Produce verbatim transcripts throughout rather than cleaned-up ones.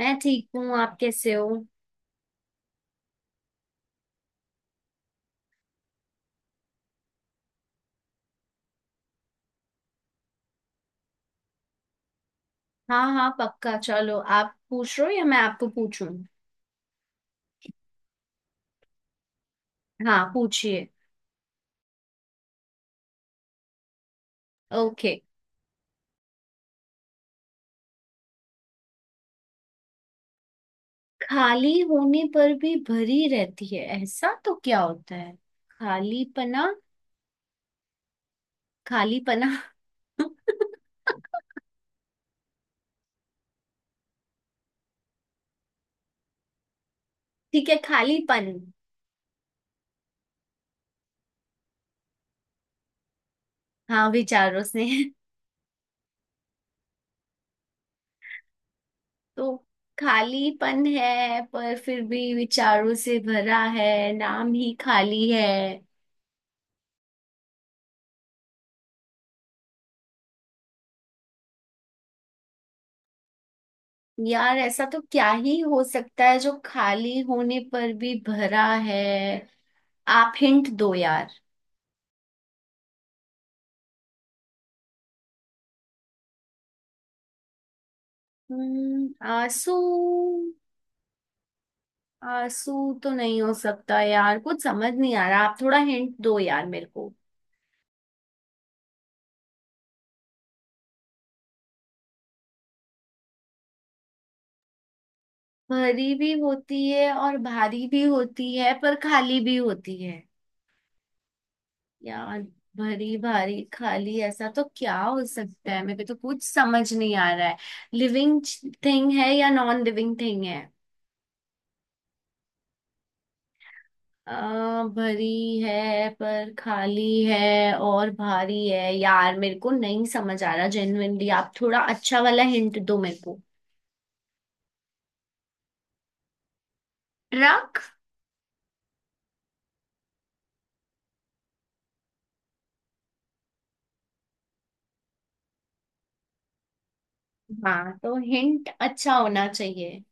मैं ठीक हूँ। आप कैसे हो? हाँ हाँ, पक्का। चलो, आप पूछ रहे हो या मैं आपको पूछूं? हाँ, पूछिए। ओके। खाली होने पर भी भरी रहती है? ऐसा तो क्या होता है? खालीपना। खालीपना। ठीक है, खालीपन। हाँ, विचारों से। तो खालीपन है पर फिर भी विचारों से भरा है, नाम ही खाली है। यार, ऐसा तो क्या ही हो सकता है जो खाली होने पर भी भरा है। आप हिंट दो यार। हम्म आंसू। आंसू तो नहीं हो सकता यार, कुछ समझ नहीं आ रहा। आप थोड़ा हिंट दो यार मेरे को। भरी भी होती है और भारी भी होती है, पर खाली भी होती है। यार, भरी भारी खाली, ऐसा तो क्या हो सकता है? मेरे को तो कुछ समझ नहीं आ रहा है। लिविंग थिंग है या नॉन लिविंग थिंग है? आ, भरी है पर खाली है, और भारी है। यार मेरे को नहीं समझ आ रहा जेन्युइनली, आप थोड़ा अच्छा वाला हिंट दो मेरे को। ट्रक। हाँ तो हिंट अच्छा होना चाहिए।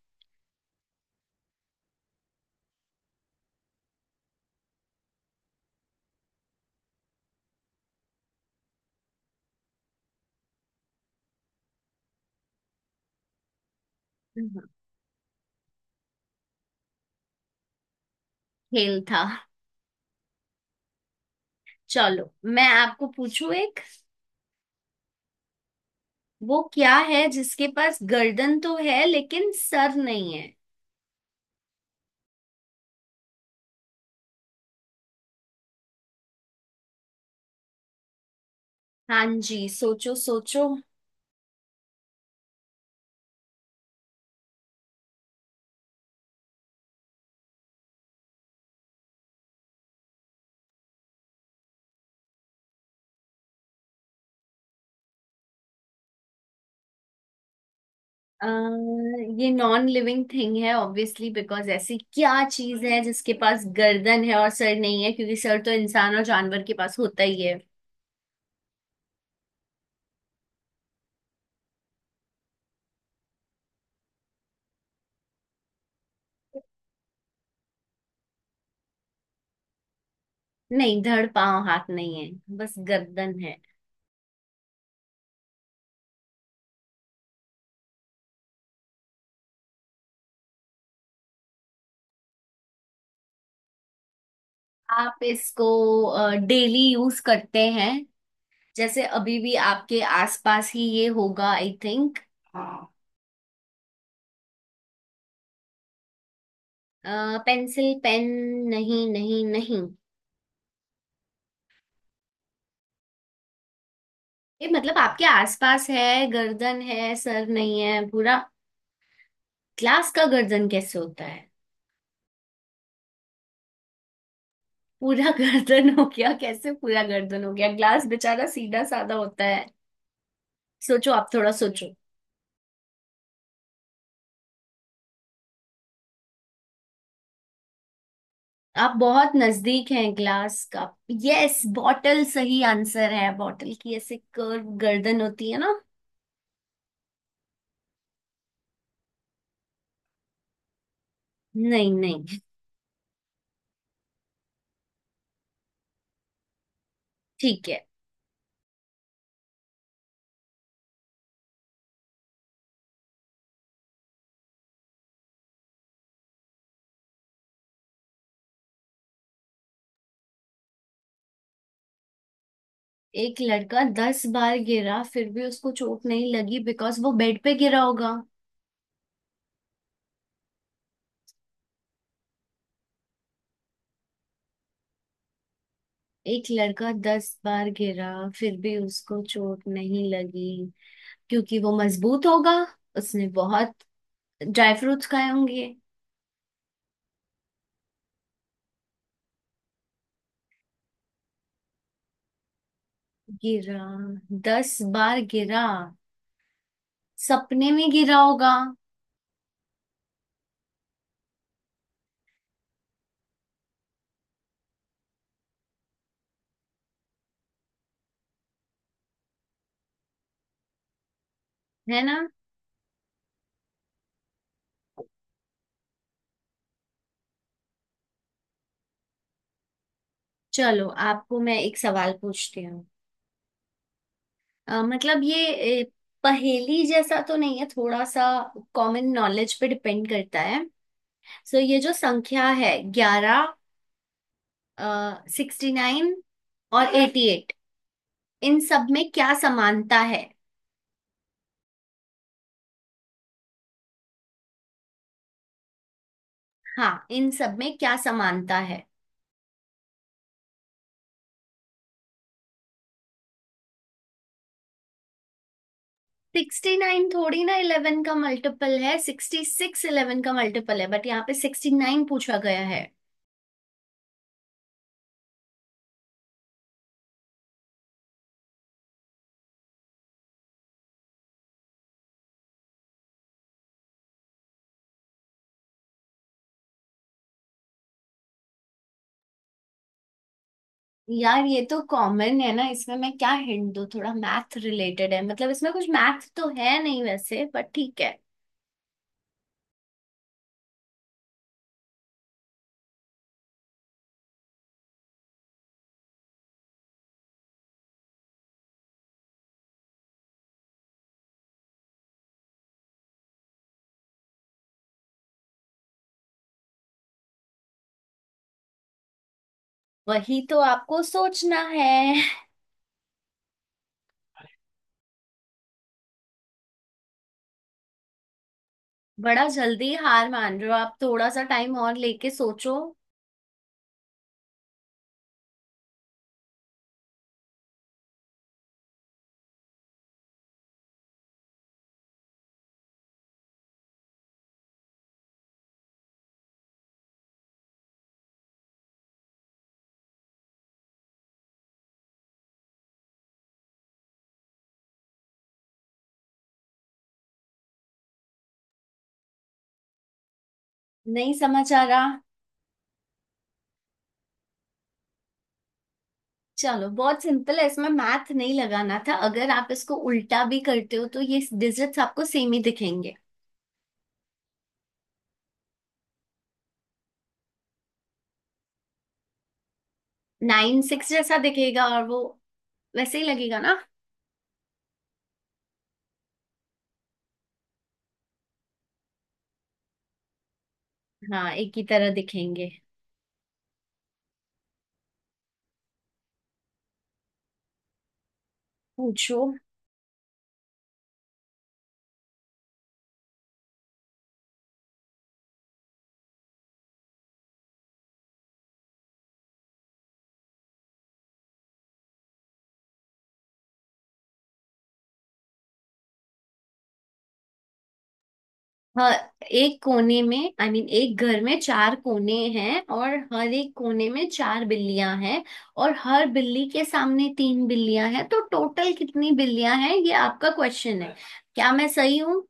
हम्म, खेल था। चलो मैं आपको पूछूं एक। वो क्या है जिसके पास गर्दन तो है लेकिन सर नहीं है? हाँ जी, सोचो सोचो। अ, ये नॉन लिविंग थिंग है ऑब्वियसली, बिकॉज ऐसी क्या चीज है जिसके पास गर्दन है और सर नहीं है? क्योंकि सर तो इंसान और जानवर के पास होता ही है। नहीं, धड़ पांव हाथ नहीं है, बस गर्दन है। आप इसको डेली यूज करते हैं। जैसे अभी भी आपके आसपास ही ये होगा, आई थिंक। Pencil, pen? नहीं नहीं नहीं। ये मतलब आपके आसपास है। गर्दन है, सर नहीं है पूरा। ग्लास का गर्दन कैसे होता है? पूरा गर्दन हो गया? कैसे पूरा गर्दन हो गया? ग्लास बेचारा सीधा साधा होता है। सोचो, आप थोड़ा सोचो। आप बहुत नजदीक हैं ग्लास का। यस, बॉटल सही आंसर है। बॉटल की ऐसे कर्व गर्दन होती है ना। नहीं नहीं। ठीक है। एक लड़का दस बार गिरा फिर भी उसको चोट नहीं लगी, बिकॉज वो बेड पे गिरा होगा। एक लड़का दस बार गिरा, फिर भी उसको चोट नहीं लगी क्योंकि वो मजबूत होगा। उसने बहुत ड्राई फ्रूट्स खाए होंगे। गिरा, दस बार गिरा। सपने में गिरा होगा। है ना। चलो आपको मैं एक सवाल पूछती हूँ। अ, मतलब ये अ, पहेली जैसा तो नहीं है थोड़ा सा, कॉमन नॉलेज पे डिपेंड करता है। सो ये जो संख्या है, ग्यारह, सिक्सटी नाइन और एटी एट, इन सब में क्या समानता है? हाँ, इन सब में क्या समानता है? सिक्सटी नाइन थोड़ी ना इलेवन का मल्टीपल है, सिक्सटी सिक्स इलेवन का मल्टीपल है, बट यहाँ पे सिक्सटी नाइन पूछा गया है। यार ये तो कॉमन है ना, इसमें मैं क्या हिंट दूँ? थोड़ा मैथ रिलेटेड है, मतलब इसमें कुछ मैथ तो है नहीं वैसे, बट ठीक है। वही तो आपको सोचना है। बड़ा जल्दी हार मान रहे हो आप, थोड़ा सा टाइम और लेके सोचो। नहीं समझ आ रहा। चलो बहुत सिंपल है, इसमें मैथ नहीं लगाना था। अगर आप इसको उल्टा भी करते हो तो ये डिजिट्स आपको सेम ही दिखेंगे। नाइन सिक्स जैसा दिखेगा और वो वैसे ही लगेगा ना। हाँ, एक ही तरह दिखेंगे। पूछो। हाँ, एक कोने में आई I मीन mean, एक घर में चार कोने हैं और हर एक कोने में चार बिल्लियां हैं। और हर बिल्ली के सामने तीन बिल्लियां हैं, तो टोटल कितनी बिल्लियां हैं? ये आपका क्वेश्चन है, क्या मैं सही हूँ?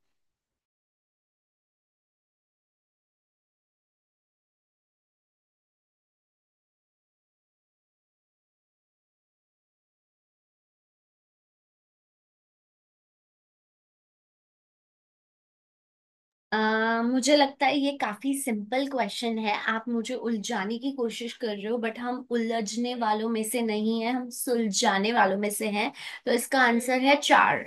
अ, मुझे लगता है ये काफी सिंपल क्वेश्चन है। आप मुझे उलझाने की कोशिश कर रहे हो बट हम उलझने वालों में से नहीं है, हम सुलझाने वालों में से हैं। तो इसका आंसर है चार।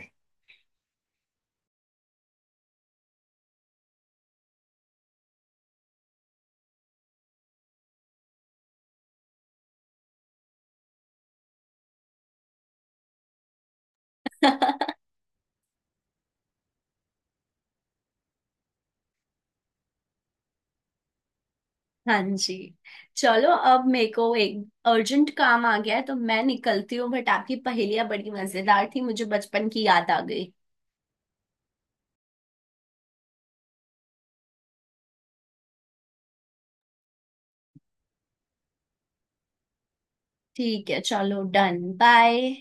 हाँ जी। चलो अब मेरे को एक अर्जेंट काम आ गया है तो मैं निकलती हूँ। बट आपकी पहेलियां बड़ी मजेदार थी, मुझे बचपन की याद आ गई। ठीक है चलो, डन, बाय।